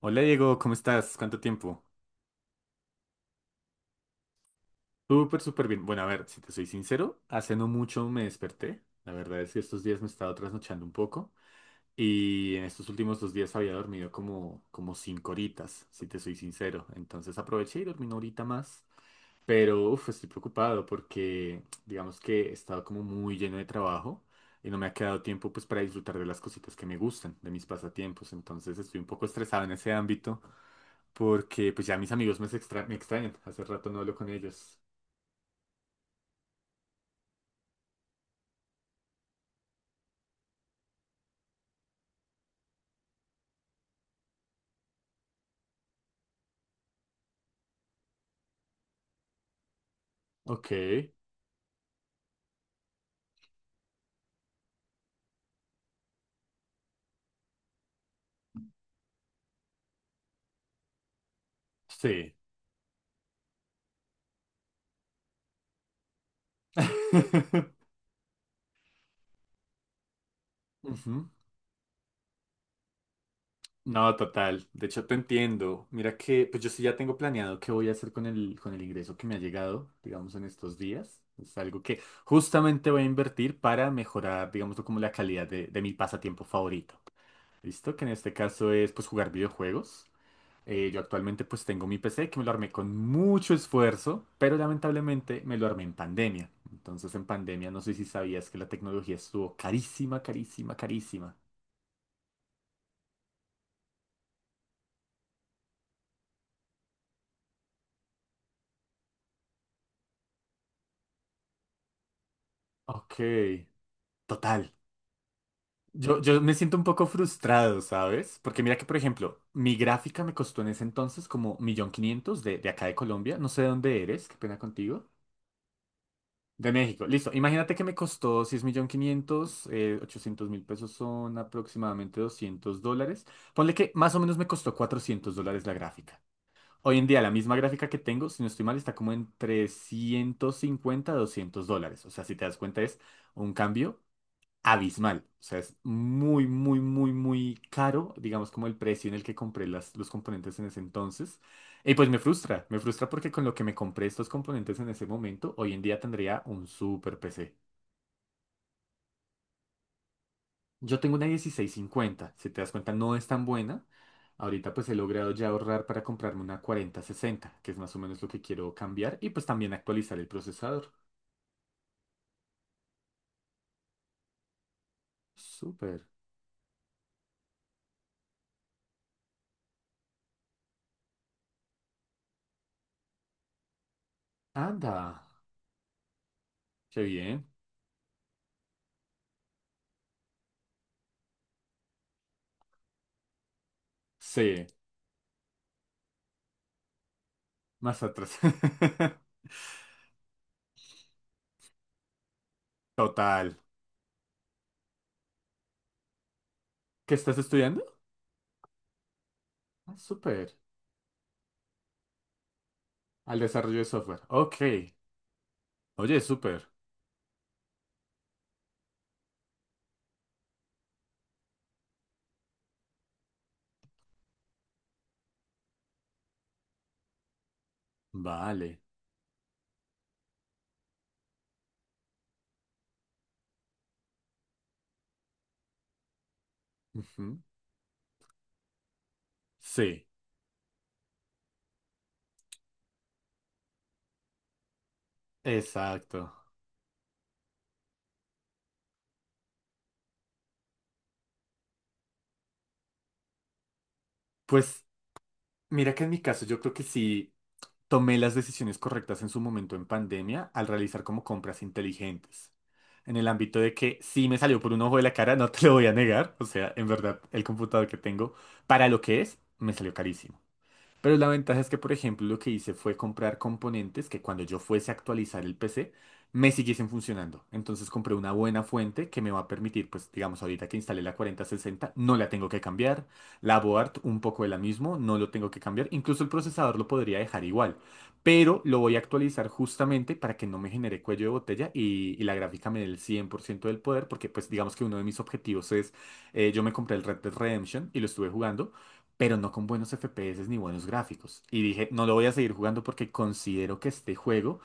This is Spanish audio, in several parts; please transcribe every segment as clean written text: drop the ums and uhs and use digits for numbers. Hola Diego, ¿cómo estás? ¿Cuánto tiempo? Súper, súper bien. Bueno, a ver, si te soy sincero, hace no mucho me desperté. La verdad es que estos días me he estado trasnochando un poco y en estos últimos 2 días había dormido como 5 horitas, si te soy sincero. Entonces aproveché y dormí una horita más. Pero uf, estoy preocupado porque digamos que he estado como muy lleno de trabajo y no me ha quedado tiempo pues para disfrutar de las cositas que me gustan, de mis pasatiempos. Entonces estoy un poco estresado en ese ámbito. Porque pues ya mis amigos me extrañan. Hace rato no hablo con ellos. Ok, sí. Ujú. No, total. De hecho, te entiendo. Mira que pues yo sí ya tengo planeado qué voy a hacer con el ingreso que me ha llegado, digamos, en estos días. Es algo que justamente voy a invertir para mejorar, digamos, como la calidad de mi pasatiempo favorito. ¿Listo? Que en este caso es pues jugar videojuegos. Yo actualmente pues tengo mi PC que me lo armé con mucho esfuerzo, pero lamentablemente me lo armé en pandemia. Entonces en pandemia no sé si sabías que la tecnología estuvo carísima, carísima, carísima. Ok, total. Yo me siento un poco frustrado, ¿sabes? Porque mira que, por ejemplo, mi gráfica me costó en ese entonces como 1.500.000 de acá de Colombia. No sé de dónde eres, qué pena contigo. De México, listo. Imagínate que me costó 6.500.000, 800 mil 800.000 pesos son aproximadamente $200. Ponle que más o menos me costó $400 la gráfica. Hoy en día la misma gráfica que tengo, si no estoy mal, está como entre 150 a $200. O sea, si te das cuenta es un cambio abismal. O sea, es muy, muy, muy, muy caro, digamos, como el precio en el que compré los componentes en ese entonces. Y pues me, frustra, me frustra porque con lo que me compré estos componentes en ese momento, hoy en día tendría un super PC. Yo tengo una 1650, si te das cuenta, no es tan buena. Ahorita pues he logrado ya ahorrar para comprarme una 4060, que es más o menos lo que quiero cambiar, y pues también actualizar el procesador. Súper. Anda. Qué bien. Sí, más atrás. Total. ¿Qué estás estudiando? Ah, súper. Al desarrollo de software. Ok. Oye, súper. Vale. Ujú. Sí, exacto. Pues mira que en mi caso yo creo que sí tomé las decisiones correctas en su momento en pandemia al realizar como compras inteligentes. En el ámbito de que sí me salió por un ojo de la cara, no te lo voy a negar. O sea, en verdad, el computador que tengo, para lo que es, me salió carísimo. Pero la ventaja es que, por ejemplo, lo que hice fue comprar componentes que cuando yo fuese a actualizar el PC, me siguiesen funcionando. Entonces compré una buena fuente que me va a permitir, pues digamos, ahorita que instalé la 4060 no la tengo que cambiar. La board, un poco de la mismo, no lo tengo que cambiar. Incluso el procesador lo podría dejar igual. Pero lo voy a actualizar justamente para que no me genere cuello de botella y la gráfica me dé el 100% del poder, porque pues digamos que uno de mis objetivos es, yo me compré el Red Dead Redemption y lo estuve jugando pero no con buenos FPS ni buenos gráficos. Y dije, no lo voy a seguir jugando porque considero que este juego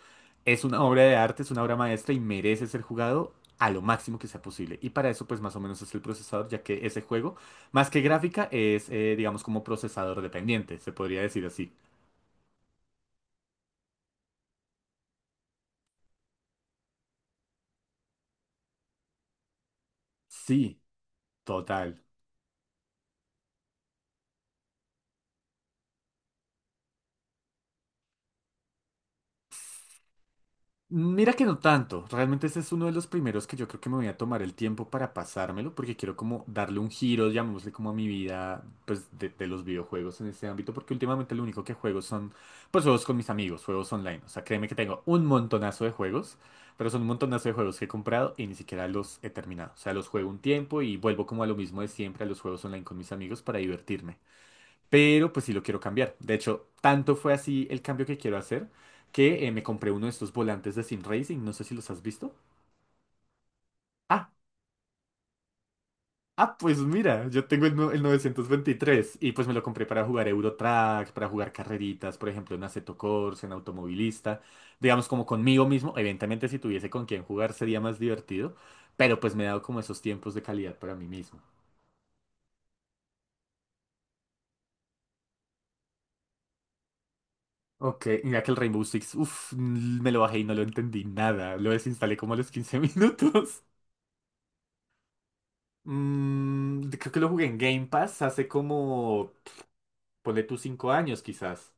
es una obra de arte, es una obra maestra y merece ser jugado a lo máximo que sea posible. Y para eso, pues más o menos es el procesador, ya que ese juego, más que gráfica, es, digamos, como procesador dependiente, se podría decir así. Sí, total. Mira que no tanto, realmente ese es uno de los primeros que yo creo que me voy a tomar el tiempo para pasármelo, porque quiero como darle un giro, llamémosle como a mi vida, pues de los videojuegos en este ámbito, porque últimamente lo único que juego son, pues juegos con mis amigos, juegos online, o sea, créeme que tengo un montonazo de juegos, pero son un montonazo de juegos que he comprado y ni siquiera los he terminado, o sea, los juego un tiempo y vuelvo como a lo mismo de siempre, a los juegos online con mis amigos para divertirme. Pero pues sí lo quiero cambiar. De hecho, tanto fue así el cambio que quiero hacer que me compré uno de estos volantes de Sim Racing. No sé si los has visto. Ah, ah, pues mira, yo tengo el, no- el 923 y pues me lo compré para jugar Euro Truck, para jugar carreritas, por ejemplo, en Assetto Corsa, en Automovilista. Digamos como conmigo mismo. Evidentemente, si tuviese con quien jugar sería más divertido. Pero pues me he dado como esos tiempos de calidad para mí mismo. Ok, mira que el Rainbow Six, uff, me lo bajé y no lo entendí nada. Lo desinstalé como a los 15 minutos. Creo que lo jugué en Game Pass hace como, ponle tus 5 años quizás.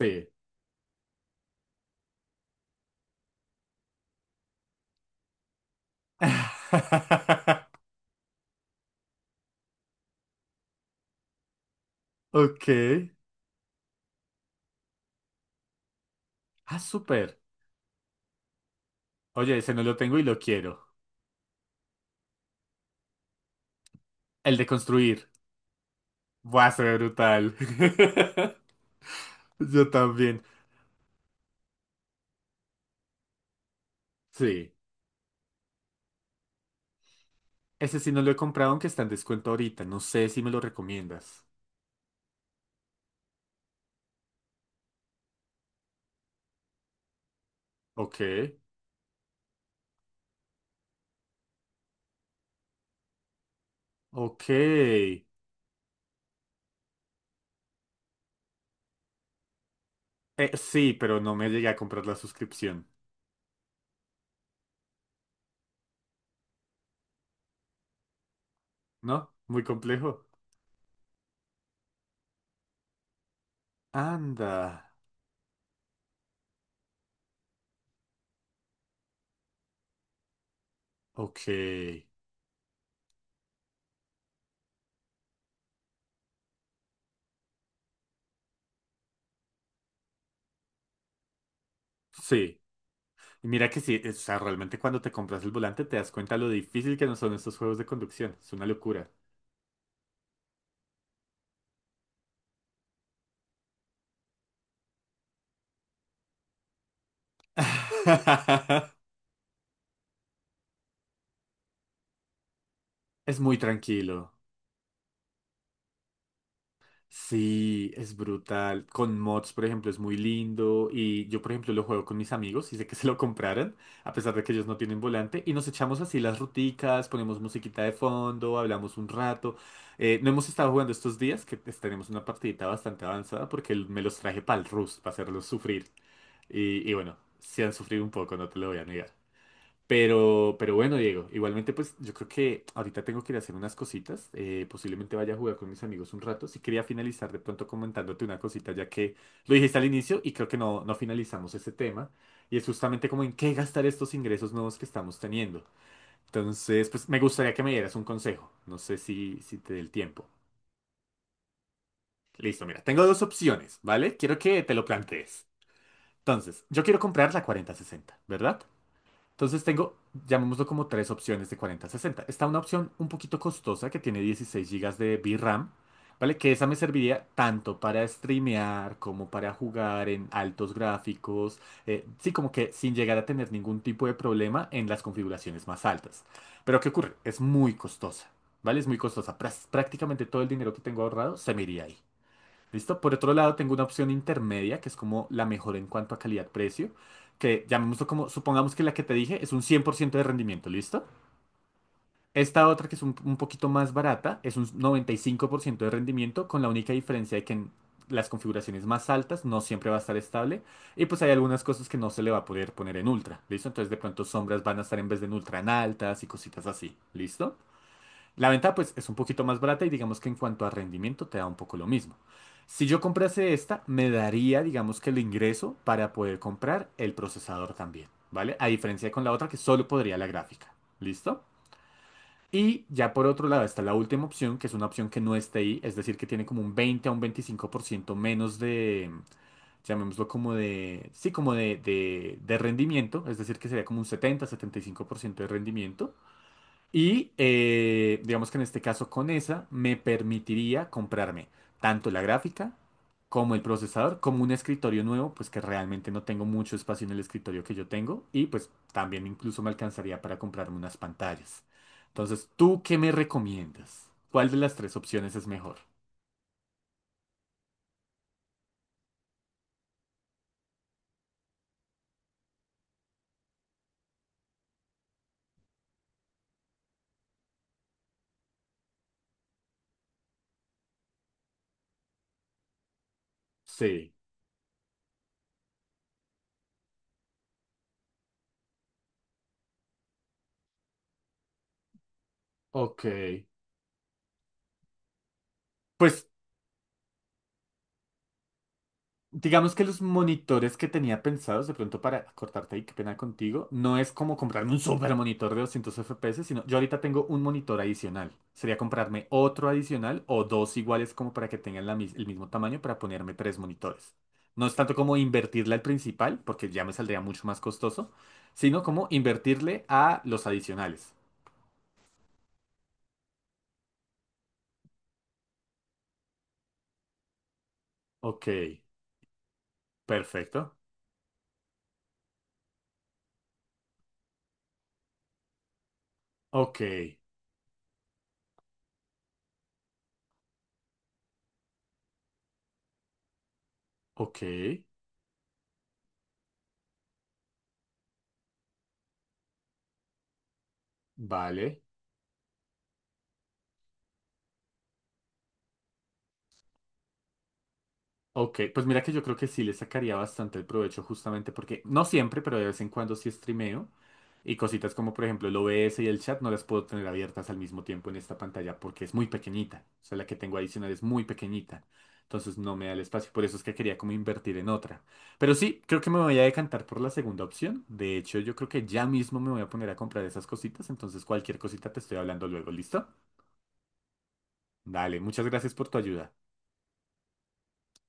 Sí. Ok. Ah, súper. Oye, ese no lo tengo y lo quiero. El de construir. Buah, se ve brutal. Yo también. Sí. Ese sí no lo he comprado, aunque está en descuento ahorita. No sé si me lo recomiendas. Ok. Ok. Sí, pero no me llegué a comprar la suscripción. ¿No? Muy complejo. Anda. Ok. Sí. Y mira que sí, o sea, realmente cuando te compras el volante te das cuenta lo difícil que no son estos juegos de conducción. Es una locura. Es muy tranquilo. Sí, es brutal. Con mods, por ejemplo, es muy lindo. Y yo, por ejemplo, lo juego con mis amigos y sé que se lo compraron, a pesar de que ellos no tienen volante. Y nos echamos así las ruticas, ponemos musiquita de fondo, hablamos un rato. No hemos estado jugando estos días, que pues, tenemos una partidita bastante avanzada, porque me los traje para el Rust, para hacerlos sufrir. Y bueno, sí han sufrido un poco, no te lo voy a negar. Pero bueno, Diego, igualmente pues yo creo que ahorita tengo que ir a hacer unas cositas. Posiblemente vaya a jugar con mis amigos un rato. Sí quería finalizar de pronto comentándote una cosita, ya que lo dijiste al inicio y creo que no finalizamos ese tema. Y es justamente como en qué gastar estos ingresos nuevos que estamos teniendo. Entonces, pues me gustaría que me dieras un consejo. No sé si, te dé el tiempo. Listo, mira, tengo dos opciones, ¿vale? Quiero que te lo plantees. Entonces, yo quiero comprar la 4060, ¿verdad? Entonces tengo, llamémoslo como tres opciones de 40 a 60. Está una opción un poquito costosa que tiene 16 gigas de VRAM, ¿vale? Que esa me serviría tanto para streamear como para jugar en altos gráficos. Sí, como que sin llegar a tener ningún tipo de problema en las configuraciones más altas. Pero ¿qué ocurre? Es muy costosa, ¿vale? Es muy costosa. Prácticamente todo el dinero que tengo ahorrado se me iría ahí. ¿Listo? Por otro lado, tengo una opción intermedia, que es como la mejor en cuanto a calidad-precio, que llamémoslo como, supongamos que la que te dije es un 100% de rendimiento, ¿listo? Esta otra, que es un poquito más barata, es un 95% de rendimiento, con la única diferencia de que en las configuraciones más altas no siempre va a estar estable, y pues hay algunas cosas que no se le va a poder poner en ultra, ¿listo? Entonces de pronto sombras van a estar en vez de en ultra en altas y cositas así, ¿listo? La venta pues es un poquito más barata y digamos que en cuanto a rendimiento te da un poco lo mismo. Si yo comprase esta, me daría digamos que el ingreso para poder comprar el procesador también, ¿vale? A diferencia con la otra que solo podría la gráfica, ¿listo? Y ya por otro lado está la última opción, que es una opción que no está ahí, es decir, que tiene como un 20 a un 25% menos de, llamémoslo como de, sí, como de rendimiento, es decir, que sería como un 70 75% de rendimiento. Y digamos que en este caso con esa me permitiría comprarme tanto la gráfica como el procesador, como un escritorio nuevo, pues que realmente no tengo mucho espacio en el escritorio que yo tengo y pues también incluso me alcanzaría para comprarme unas pantallas. Entonces, ¿tú qué me recomiendas? ¿Cuál de las tres opciones es mejor? Sí, ok. Pues digamos que los monitores que tenía pensados, de pronto para cortarte ahí, qué pena contigo, no es como comprarme un super monitor de 200 FPS, sino yo ahorita tengo un monitor adicional. Sería comprarme otro adicional o dos iguales como para que tengan la el mismo tamaño para ponerme tres monitores. No es tanto como invertirle al principal, porque ya me saldría mucho más costoso, sino como invertirle a los adicionales. Ok, perfecto. Ok, ok, vale. Ok, pues mira que yo creo que sí le sacaría bastante el provecho justamente porque no siempre, pero de vez en cuando sí streameo y cositas como por ejemplo el OBS y el chat no las puedo tener abiertas al mismo tiempo en esta pantalla porque es muy pequeñita. O sea, la que tengo adicional es muy pequeñita. Entonces no me da el espacio, por eso es que quería como invertir en otra. Pero sí, creo que me voy a decantar por la segunda opción. De hecho, yo creo que ya mismo me voy a poner a comprar esas cositas, entonces cualquier cosita te estoy hablando luego, ¿listo? Dale, muchas gracias por tu ayuda.